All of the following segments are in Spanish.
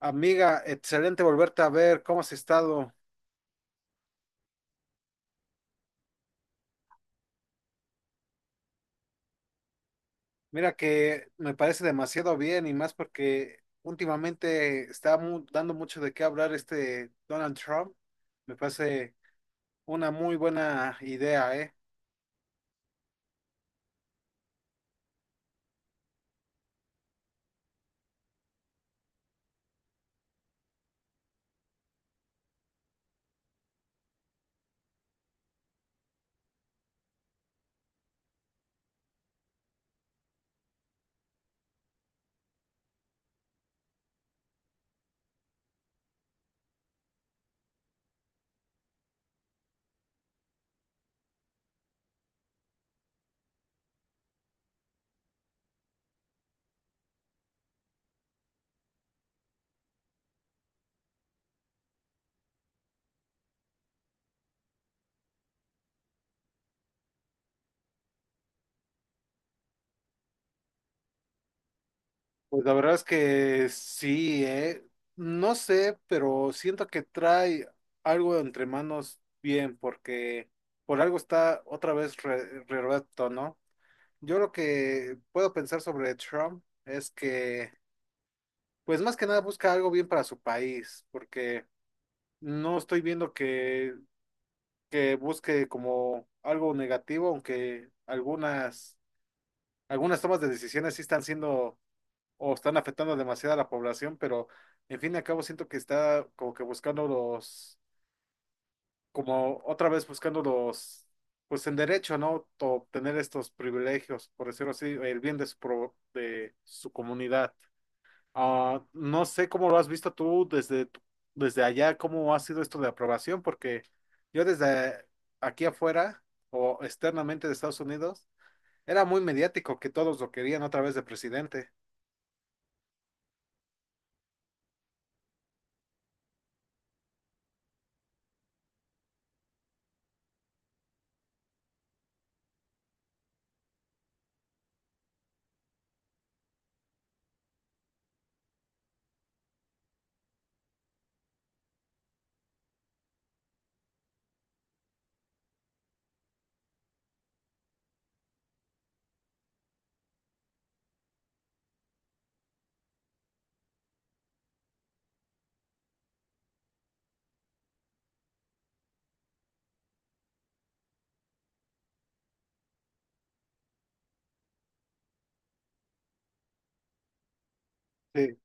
Amiga, excelente volverte a ver, ¿cómo has estado? Mira que me parece demasiado bien y más porque últimamente está dando mucho de qué hablar este Donald Trump. Me parece una muy buena idea, ¿eh? Pues la verdad es que sí, ¿eh? No sé, pero siento que trae algo entre manos bien porque por algo está otra vez re reelecto, ¿no? Yo lo que puedo pensar sobre Trump es que pues más que nada busca algo bien para su país, porque no estoy viendo que busque como algo negativo, aunque algunas tomas de decisiones sí están siendo o están afectando demasiado a la población, pero en fin y al cabo siento que está como que buscando los, como otra vez buscando los, pues en derecho, ¿no? Obtener estos privilegios, por decirlo así, el bien de su, de su comunidad. Ah, no sé cómo lo has visto tú desde, desde allá, cómo ha sido esto de aprobación, porque yo desde aquí afuera o externamente de Estados Unidos era muy mediático que todos lo querían otra vez de presidente. Sí.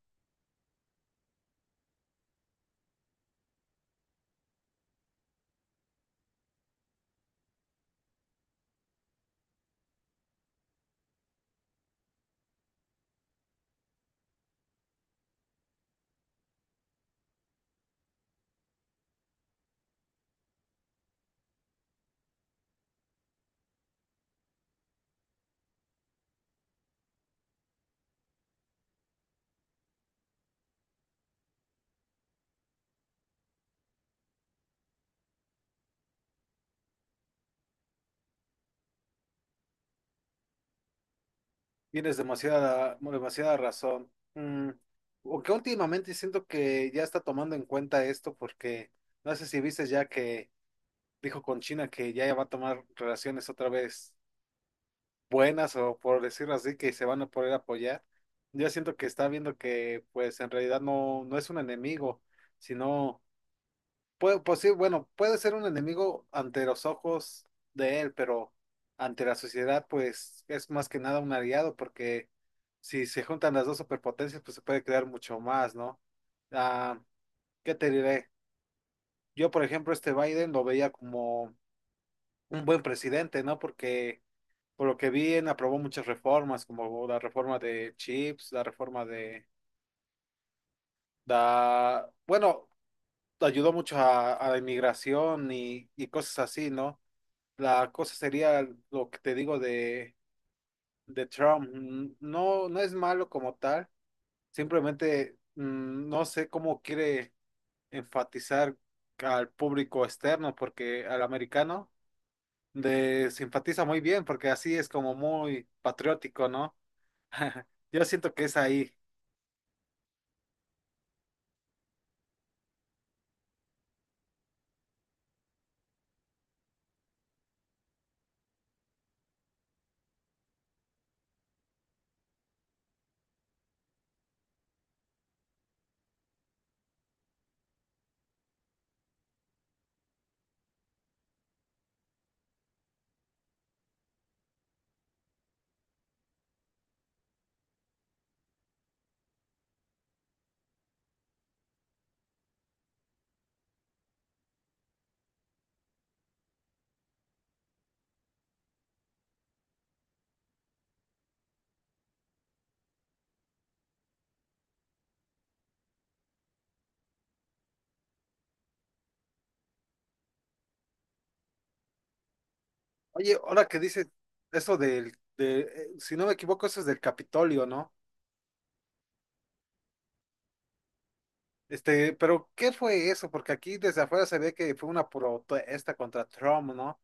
Tienes demasiada, demasiada razón. Mm, aunque últimamente siento que ya está tomando en cuenta esto porque no sé si viste ya que dijo con China que ya va a tomar relaciones otra vez buenas o por decirlo así, que se van a poder apoyar. Yo siento que está viendo que pues en realidad no, no es un enemigo, sino, puede, pues sí, bueno, puede ser un enemigo ante los ojos de él, pero ante la sociedad pues es más que nada un aliado porque si se juntan las dos superpotencias pues se puede crear mucho más, ¿no? Ah, ¿qué te diré? Yo, por ejemplo, este Biden lo veía como un buen presidente, ¿no? Porque por lo que vi, aprobó muchas reformas, como la reforma de chips, la reforma de, da, bueno, ayudó mucho a la inmigración y cosas así, ¿no? La cosa sería lo que te digo de, Trump. No, no es malo como tal, simplemente no sé cómo quiere enfatizar al público externo, porque al americano de, se enfatiza muy bien, porque así es como muy patriótico, ¿no? Yo siento que es ahí. Oye, ahora que dices eso si no me equivoco, eso es del Capitolio, ¿no? Este, pero ¿qué fue eso? Porque aquí desde afuera se ve que fue una protesta contra Trump, ¿no?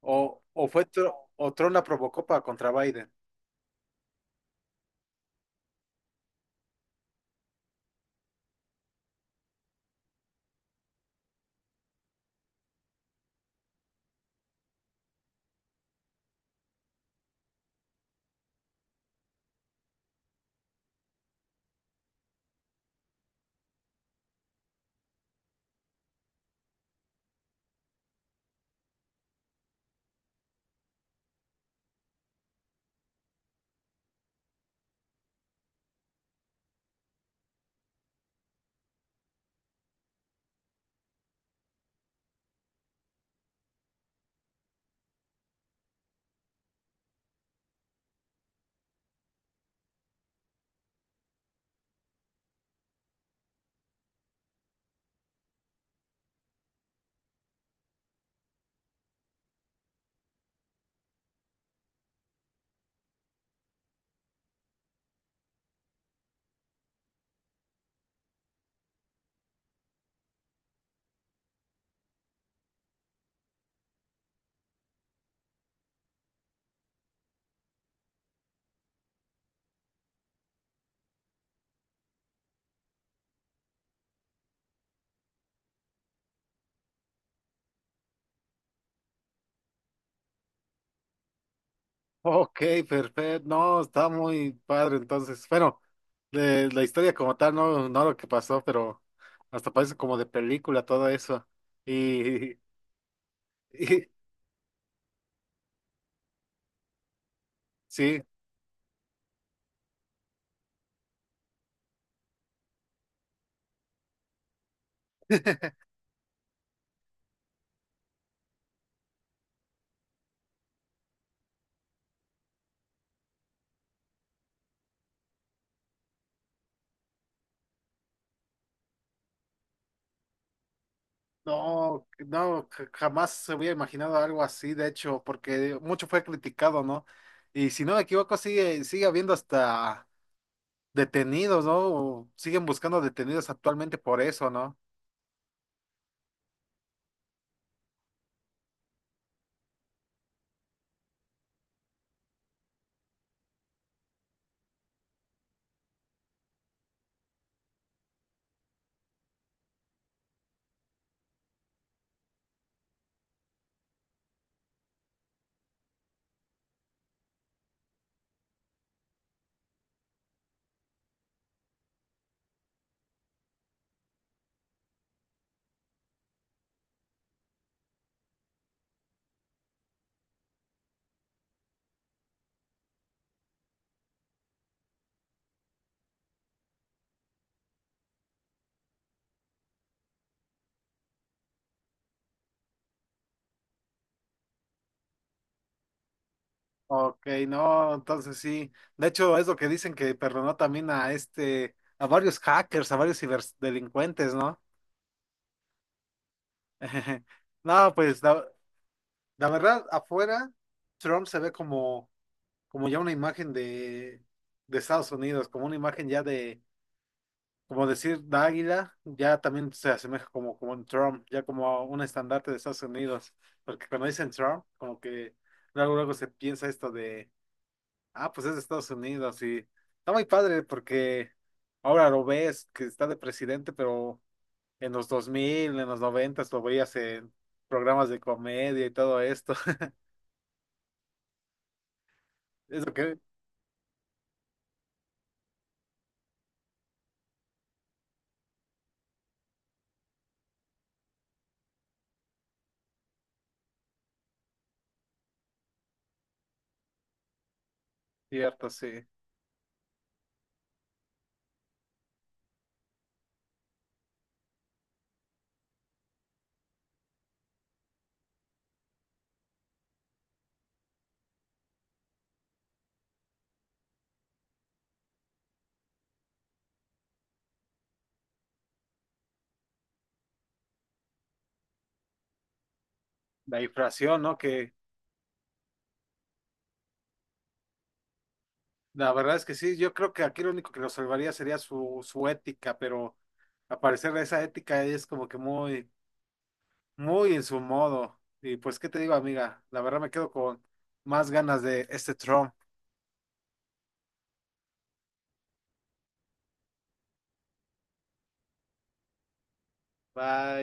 O Trump la provocó para contra Biden. Ok, perfecto. No, está muy padre. Entonces, bueno, de la historia como tal, no, no lo que pasó, pero hasta parece como de película todo eso. Y, y sí. No, no, jamás se hubiera imaginado algo así, de hecho, porque mucho fue criticado, ¿no? Y si no me equivoco, sigue habiendo hasta detenidos, ¿no? O siguen buscando detenidos actualmente por eso, ¿no? Ok, no, entonces sí. De hecho, es lo que dicen que perdonó también a este, a varios hackers, a varios ciberdelincuentes, ¿no? No, pues la verdad, afuera, Trump se ve como, como ya una imagen de, Estados Unidos, como una imagen ya de como decir la águila, ya también se asemeja como un Trump, ya como a un estandarte de Estados Unidos, porque cuando dicen Trump, como que luego luego se piensa esto de, ah, pues es de Estados Unidos y está muy padre porque ahora lo ves que está de presidente, pero en los 2000 en los 90 lo veías en programas de comedia y todo esto. Es lo que es cierto, sí. La inflación, ¿no? Que la verdad es que sí, yo creo que aquí lo único que lo salvaría sería su ética, pero a parecer esa ética es como que muy, muy en su modo. Y pues, ¿qué te digo, amiga? La verdad me quedo con más ganas de este Trump. Bye.